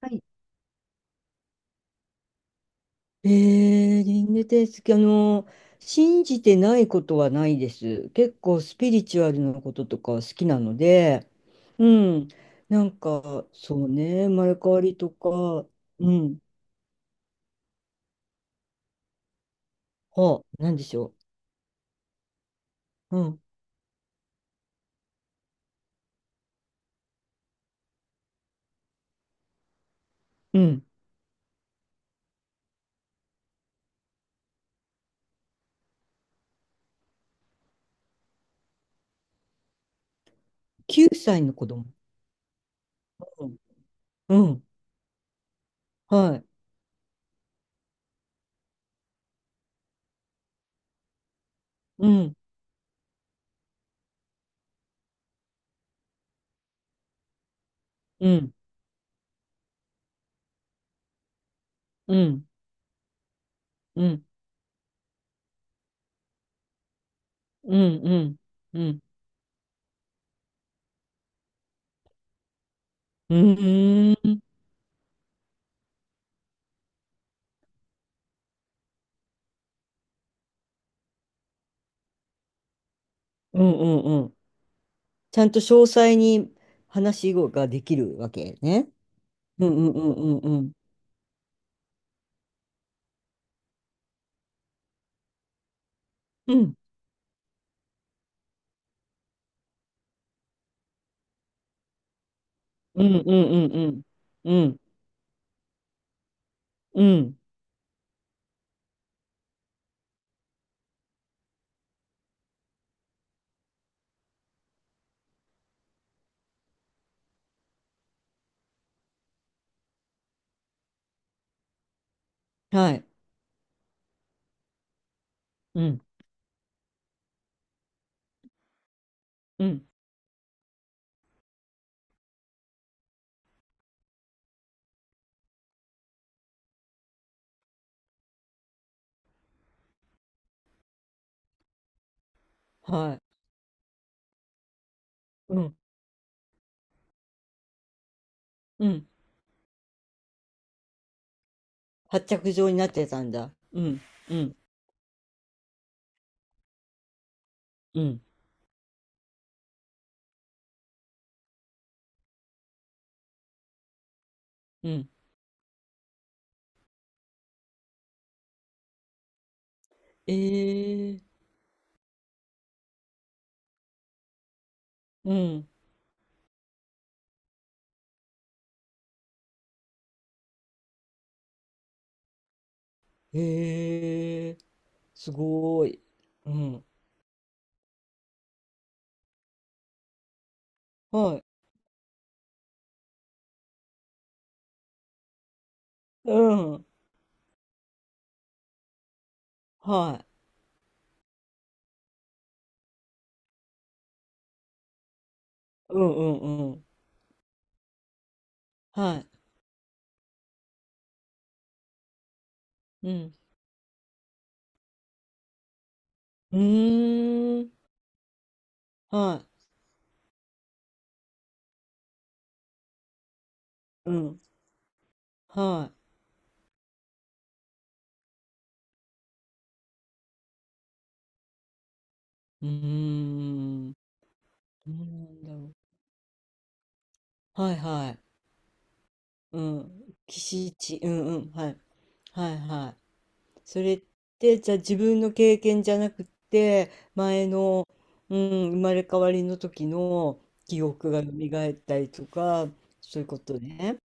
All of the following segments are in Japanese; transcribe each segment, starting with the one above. はい。リングテース信じてないことはないです。結構スピリチュアルなこととか好きなので、うん。そうね、生まれ変わりとか。うん。あ、なんでしょう。うん、うん。9歳の子供。うん、うん。はい。うん、うん、うん、うん、うん、うん、うん、うん、うん、うん、うん。ちゃんと詳細に話ができるわけね。うんうんうんうん。うんうんうんうんうん。うん。うん。はい。うん。うん。はい。うん。うん。発着状になってたんだ。うん。うん。うん。うん。ええ。うん。ええ。すごい。うん。はい。うん。はい。うんうんうん。はい。うん。うーん。はい。うん。はい。うーん。どうなんだろう。はいはい。うん。岸地。うんうん。はい。はいはい。それって、じゃあ自分の経験じゃなくて、前の、うん、生まれ変わりの時の記憶が蘇ったりとか、そういうことね。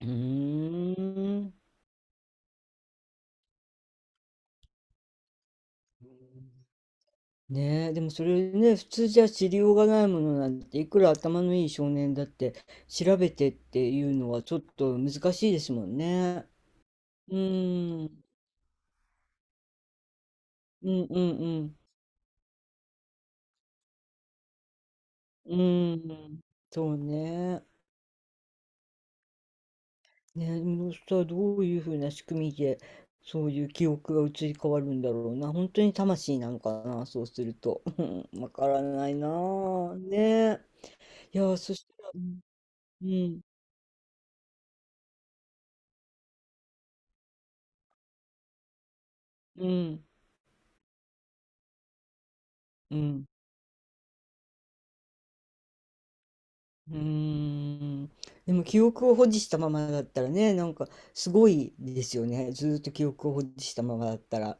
うーん。ねえ、でもそれね、普通じゃ知りようがないものなんて、いくら頭のいい少年だって調べてっていうのはちょっと難しいですもんね。うーん。うんうんうん。うーん。そうね。ね、でもしたらどういうふうな仕組みで、そういう記憶が移り変わるんだろうな。本当に魂なのかな、そうすると。うん、わからないなあ。ねえ。いや、そしたらうん、うん、うん、うん。うーん。でも記憶を保持したままだったらね、なんかすごいですよね。ずーっと記憶を保持したままだったら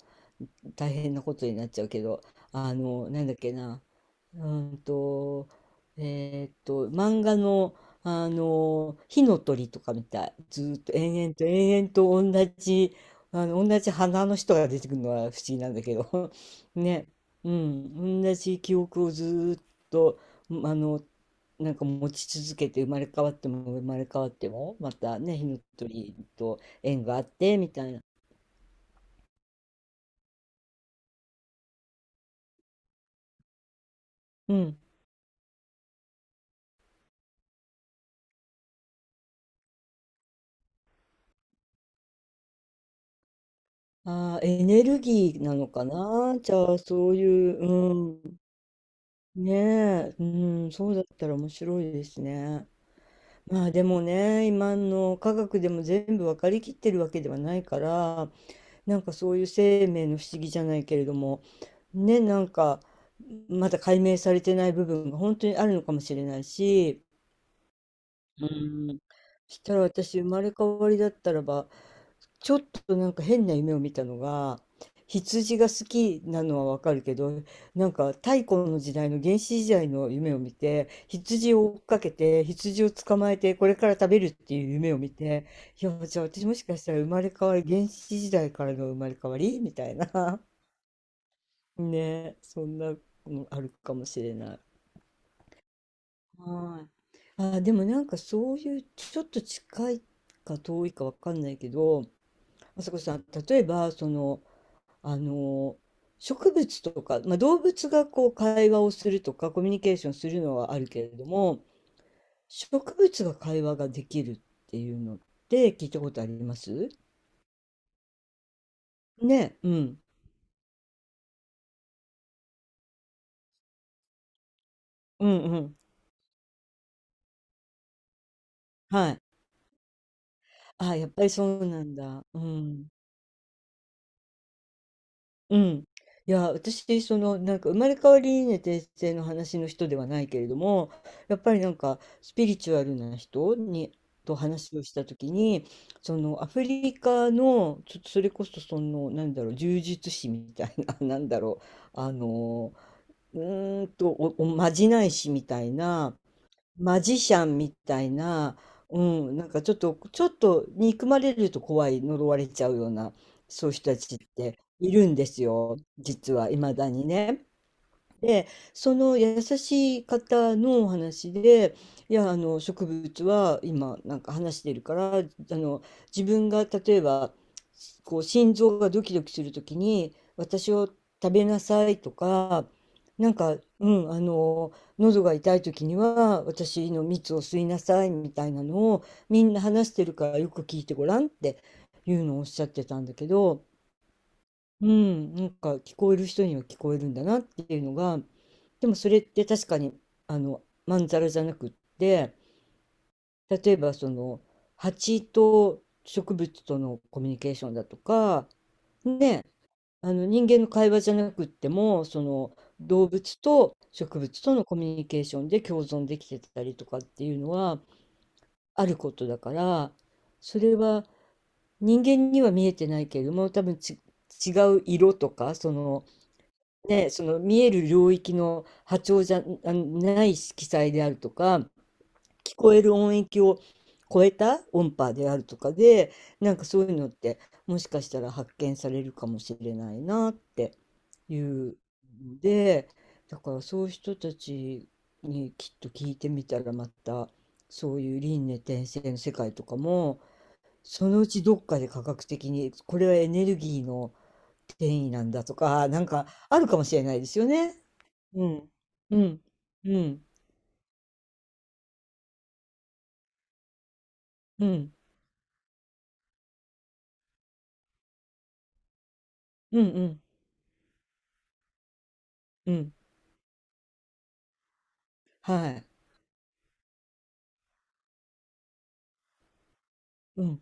大変なことになっちゃうけど、なんだっけな。うんと、漫画の、火の鳥とかみたい。ずーっと延々と延々と同じ、同じ花の人が出てくるのは不思議なんだけど、ね、うん、同じ記憶をずーっと、うんあの、なんか持ち続けて生まれ変わっても生まれ変わっても、またね、火の鳥と縁があって、みたいな。うん。あー、エネルギーなのかな。じゃあ、そういう、うん。ねえ、うん、そうだったら面白いですね。まあでもね、今の科学でも全部分かりきってるわけではないから、なんかそういう生命の不思議じゃないけれども、ね、なんかまだ解明されてない部分が本当にあるのかもしれないし、うん、そしたら私生まれ変わりだったらばちょっとなんか変な夢を見たのが、羊が好きなのはわかるけど、なんか太古の時代の原始時代の夢を見て、羊を追っかけて、羊を捕まえて、これから食べるっていう夢を見て、いや、じゃあ私もしかしたら生まれ変わり、原始時代からの生まれ変わりみたいな。ね、そんなのあるかもしれない。はい。あ、でもなんかそういうちょっと近いか遠いかわかんないけど、あさこさん、例えばそのあの植物とか、まあ、動物がこう会話をするとかコミュニケーションするのはあるけれども植物が会話ができるっていうのって聞いたことありますね、うん。うんうん。はい。あ、やっぱりそうなんだ。うん。うん。いや、私、生まれ変わりね、転生の話の人ではないけれども、やっぱりなんか、スピリチュアルな人に、と話をしたときに、その、アフリカの、ちょっとそれこそ、なんだろう、呪術師みたいな、なんだろう、あの、おまじない師みたいな、マジシャンみたいな、うん、なんかちょっと、ちょっと憎まれると怖い、呪われちゃうような、そういう人たちっているんですよ、実は、いまだにね。で、その優しい方のお話で、いや、あの植物は今なんか話してるから、あの自分が例えばこう心臓がドキドキするときに私を食べなさいとか、なんか、うん、あの喉が痛いときには私の蜜を吸いなさいみたいなのをみんな話してるからよく聞いてごらんっていうのをおっしゃってたんだけど、うん、なんか聞こえる人には聞こえるんだなっていうのが、でもそれって確かにあのまんざらじゃなくって、例えばその蜂と植物とのコミュニケーションだとか、ね、あの人間の会話じゃなくっても、その動物と植物とのコミュニケーションで共存できてたりとかっていうのはあることだから、それは人間には見えてないけれども、多分違う色とか、そのね、その見える領域の波長じゃあない色彩であるとか、聞こえる音域を超えた音波であるとかで、なんかそういうのってもしかしたら発見されるかもしれないなっていうので、だからそういう人たちにきっと聞いてみたらまたそういう輪廻転生の世界とかもそのうちどっかで科学的にこれはエネルギーの転移なんだとか、なんかあるかもしれないですよね。うん。うん。うん。うん。うんうん。うん。はい。うん。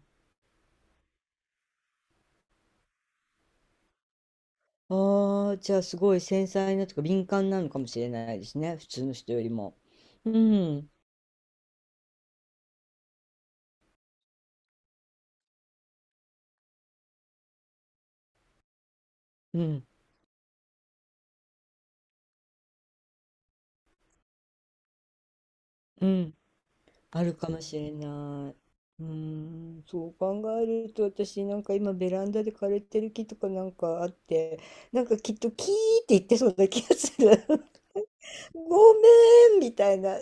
ああ、じゃあすごい繊細なとか敏感なのかもしれないですね。普通の人よりも。うん。うん。うん。あるかもしれない。うーん。そう考えると私なんか今ベランダで枯れてる木とかなんかあって、なんかきっとキーって言ってそうな気がする。ごめんみたいな。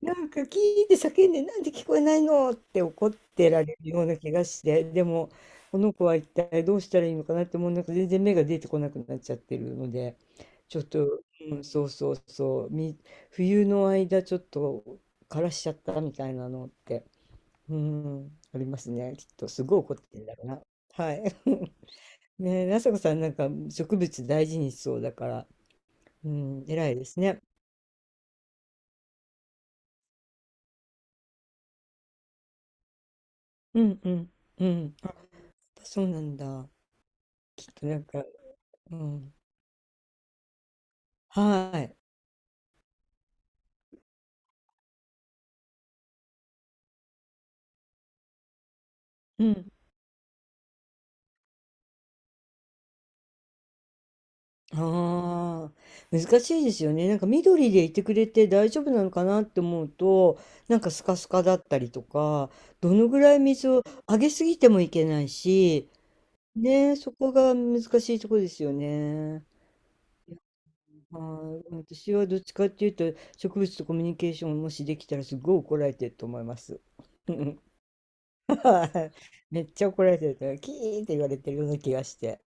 なんかキーって叫んで、なんで聞こえないのって怒ってられるような気がして、でも、この子は一体どうしたらいいのかなってもうなんか全然目が出てこなくなっちゃってるので、ちょっと、うん、そうそうそう、冬の間ちょっと枯らしちゃったみたいなのって、うん、ありますね。きっとすごい怒ってるんだろうな。はい。ねえ、なさこさんなんか植物大事にしそうだから、うん、偉いですね。うんうんうん。やっぱそうなんだ。きっとなんか、うん。はい、うん。ああ、難しいですよね。なんか緑でいてくれて大丈夫なのかなって思うと、なんかスカスカだったりとか、どのぐらい水をあげすぎてもいけないし、ねえ、そこが難しいところですよね。はい、私はどっちかっていうと、植物とコミュニケーションをもしできたらすごい怒られてると思います。はい、めっちゃ怒られてるから、キーって言われてるような気がして。